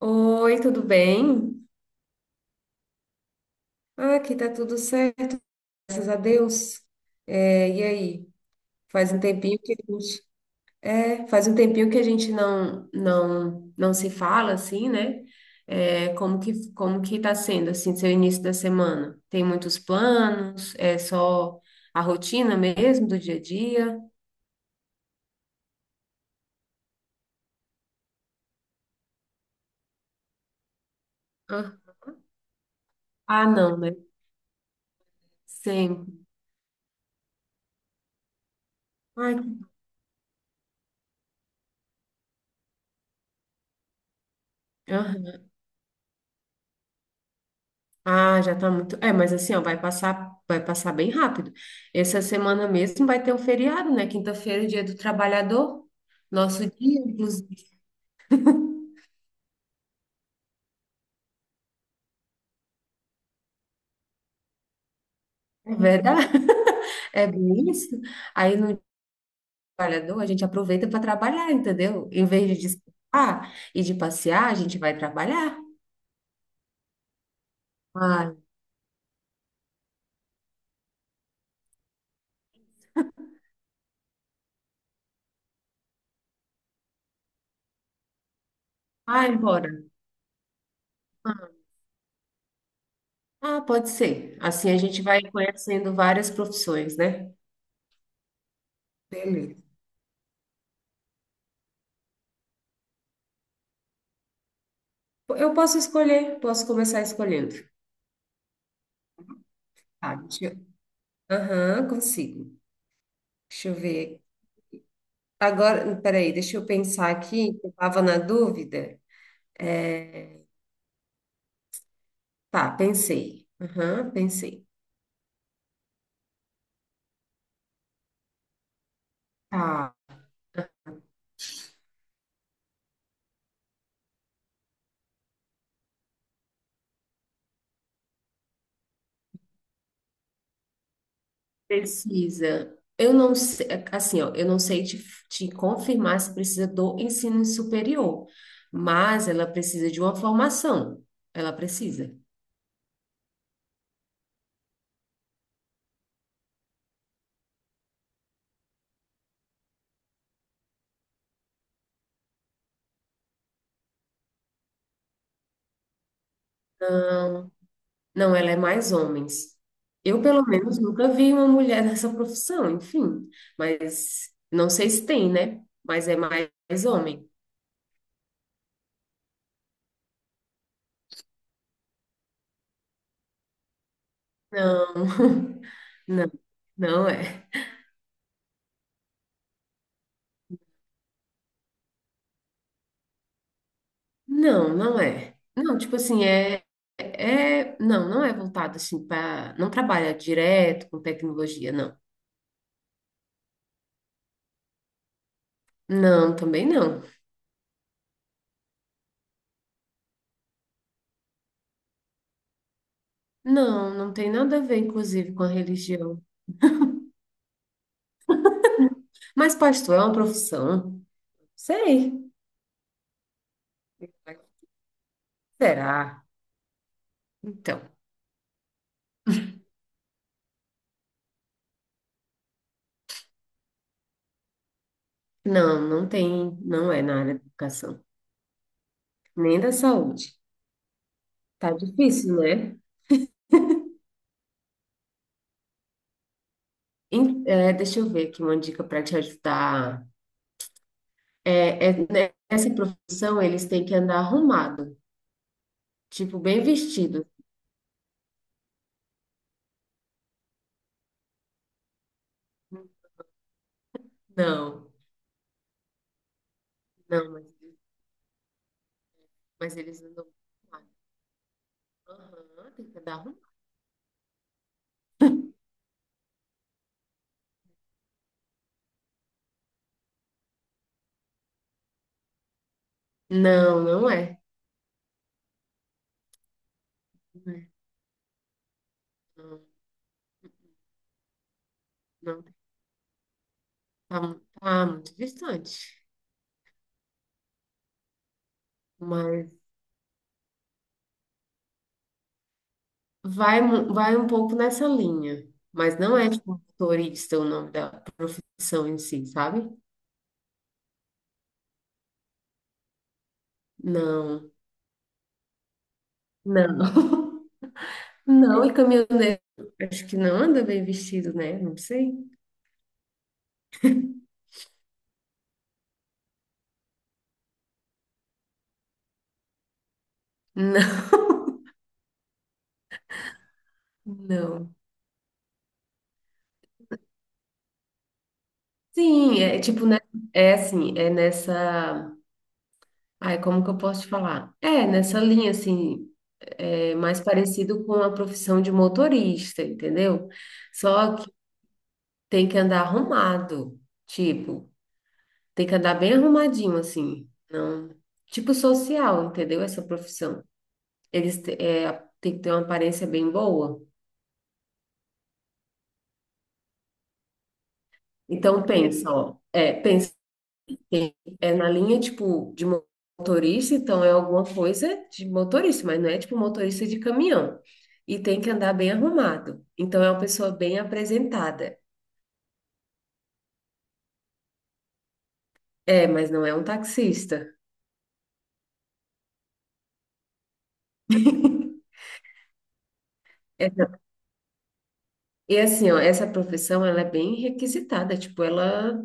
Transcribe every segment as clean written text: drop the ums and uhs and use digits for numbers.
Oi, tudo bem? Ah, aqui tá tudo certo, graças a Deus. E aí? Faz um tempinho que a gente, Faz um tempinho que a gente não se fala assim, né? Como que tá sendo assim, seu início da semana? Tem muitos planos? É só a rotina mesmo do dia a dia? Ah, ah, não, né? Sempre. Ai, aham. Ah, já tá muito. Mas assim, ó, vai passar bem rápido. Essa semana mesmo vai ter um feriado, né? Quinta-feira, é dia do trabalhador. Nosso dia, inclusive. É verdade? É bem isso. Aí no trabalhador a gente aproveita para trabalhar, entendeu? Em vez de descansar e de passear, a gente vai trabalhar. Ah, vai embora. Ah, pode ser. Assim a gente vai conhecendo várias profissões, né? Beleza. Eu posso escolher, posso começar escolhendo. Tá, deixa eu- Aham, consigo. Deixa eu ver. Agora, peraí, deixa eu pensar aqui, que eu estava na dúvida. É, Tá, pensei. Aham, pensei. Tá, precisa. Eu não sei, assim, ó, eu não sei te, te confirmar se precisa do ensino superior, mas ela precisa de uma formação. Ela precisa. Não, não, ela é mais homens. Eu, pelo menos, nunca vi uma mulher nessa profissão, enfim. Mas não sei se tem, né? Mas é mais homem. Não, não, não é. Não, não é. Não, tipo assim, é, é, não, não é voltado assim para, não trabalha direto com tecnologia, não. Não, também não. Não, não tem nada a ver, inclusive, com a religião. Mas pastor é uma profissão? Sei. Será? Então, não, não tem, não é na área da educação, nem da saúde. Tá difícil, né? Deixa eu ver aqui uma dica para te ajudar. Né, nessa profissão, eles têm que andar arrumado, tipo, bem vestido. Não, não, mas eles andam arrumados. Aham, tem que andar arrumado. Não, não é. Não, é, não, não, tá muito distante. Mas vai um pouco nessa linha. Mas não é, tipo, motorista o nome da profissão em si, sabe? Não, não. Não, e caminhoneiro, acho que não anda bem vestido, né? Não sei. Não, não. Sim, é tipo, né? É assim, é nessa. Ai, como que eu posso te falar? É, nessa linha, assim, é mais parecido com a profissão de motorista, entendeu? Só que tem que andar arrumado, tipo, tem que andar bem arrumadinho, assim, não. Tipo social, entendeu? Essa profissão. Eles te- é, tem que ter uma aparência bem boa. Então, pensa, ó, é, pensa. Sim. É na linha, tipo, de motorista, então é alguma coisa de motorista, mas não é tipo motorista de caminhão. E tem que andar bem arrumado. Então é uma pessoa bem apresentada. É, mas não é um taxista. É, não. E assim, ó, essa profissão, ela é bem requisitada, tipo, ela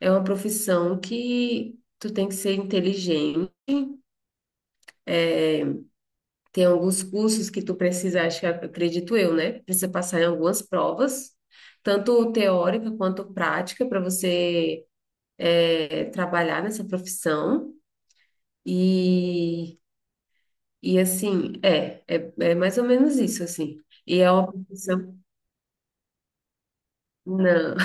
é uma profissão que tu tem que ser inteligente. Tem alguns cursos que tu precisa, acho que acredito eu, né? Precisa passar em algumas provas, tanto teórica quanto prática, para você trabalhar nessa profissão. E, é mais ou menos isso, assim. E é uma profissão. Não,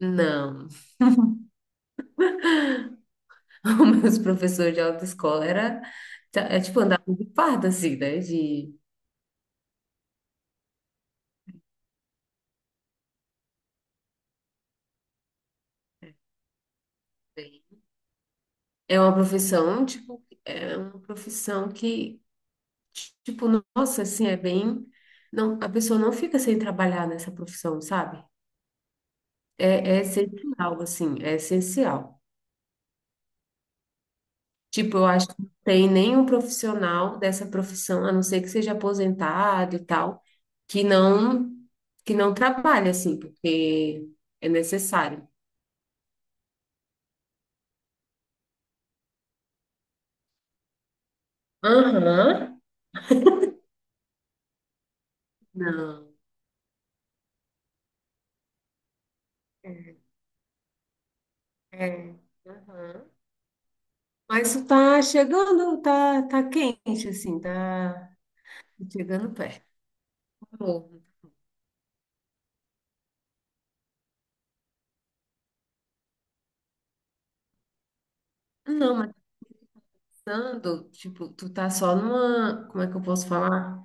não. Os meus professores de autoescola era, tá, é tipo andar de farda, assim, né? De, é uma profissão, tipo, é uma profissão que tipo, nossa, assim, é bem. Não, a pessoa não fica sem trabalhar nessa profissão, sabe? É, é essencial, assim, é essencial. Tipo, eu acho que não tem nenhum profissional dessa profissão, a não ser que seja aposentado e tal, que não que não trabalhe, assim, porque é necessário. Aham. Não. É, é. Aham. Mas tu tá chegando, tá, tá quente, assim, tá chegando perto. Não, mas pensando, tipo, tu tá só numa, como é que eu posso falar?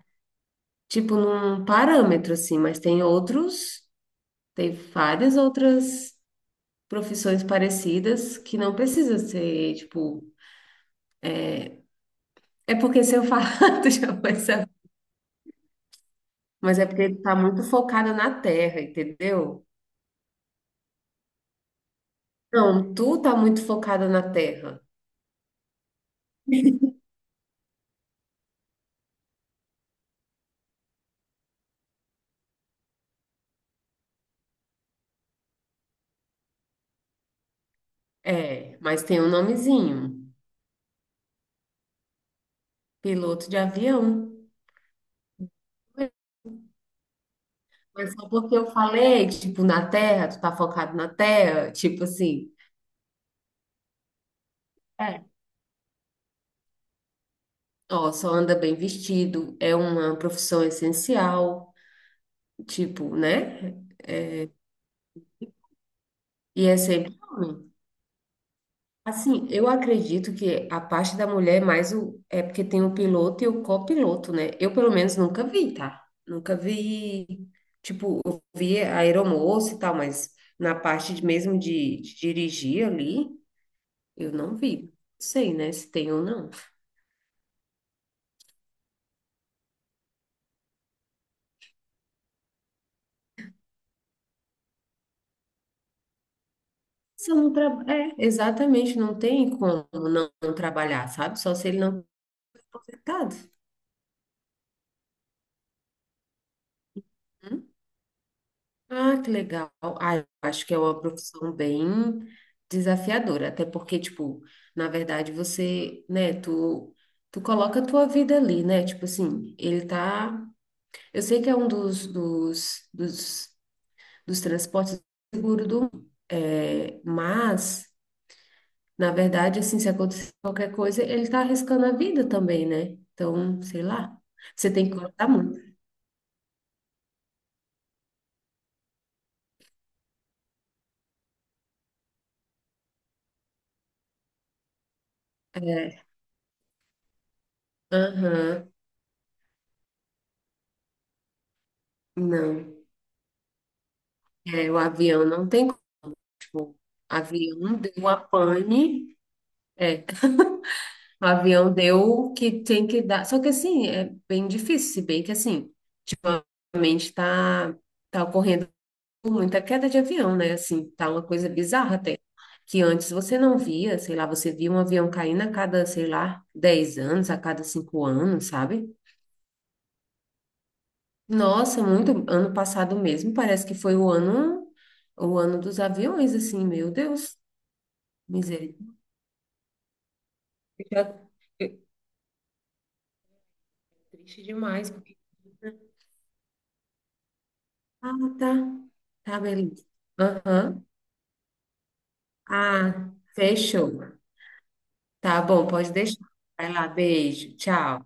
Tipo, num parâmetro, assim, mas tem outros, tem várias outras profissões parecidas que não precisa ser, tipo, é porque se eu falar, tu já vai saber. Mas é porque tu tá muito focada na terra, entendeu? Não, tu tá muito focada na terra. É, mas tem um nomezinho, piloto de avião. Mas só porque eu falei, tipo, na terra, tu tá focado na terra, tipo assim. É, ó, só anda bem vestido, é uma profissão essencial, tipo, né? E é sempre homem. Assim, eu acredito que a parte da mulher é mais o. É porque tem o piloto e o copiloto, né? Eu, pelo menos, nunca vi, tá? Nunca vi. Tipo, eu vi a aeromoça e tal, mas mesmo de dirigir ali, eu não vi. Não sei, né, se tem ou não. Se eu não tra... É, exatamente, não tem como não trabalhar, sabe? Só se ele não for contratado. Ah, que legal. Ah, eu acho que é uma profissão bem desafiadora, até porque, tipo, na verdade você, né, tu, tu coloca a tua vida ali, né? Tipo assim, ele tá. Eu sei que é um dos transportes seguros do mundo, é, mas, na verdade, assim, se acontecer qualquer coisa, ele tá arriscando a vida também, né? Então, sei lá, você tem que cortar muito. É, aham, não. É, o avião não tem. O avião deu a pane. É, o avião deu o que tem que dar. Só que assim, é bem difícil, se bem que assim, ultimamente está tá tá ocorrendo muita queda de avião, né? Assim, tá uma coisa bizarra até. Que antes você não via, sei lá, você via um avião caindo a cada, sei lá, 10 anos, a cada 5 anos, sabe? Nossa, muito. Ano passado mesmo, parece que foi o ano dos aviões, assim, meu Deus, misericórdia. Triste demais. Ah, tá. Tá, beleza. Aham. Ah, fechou. Tá bom, pode deixar. Vai lá, beijo. Tchau.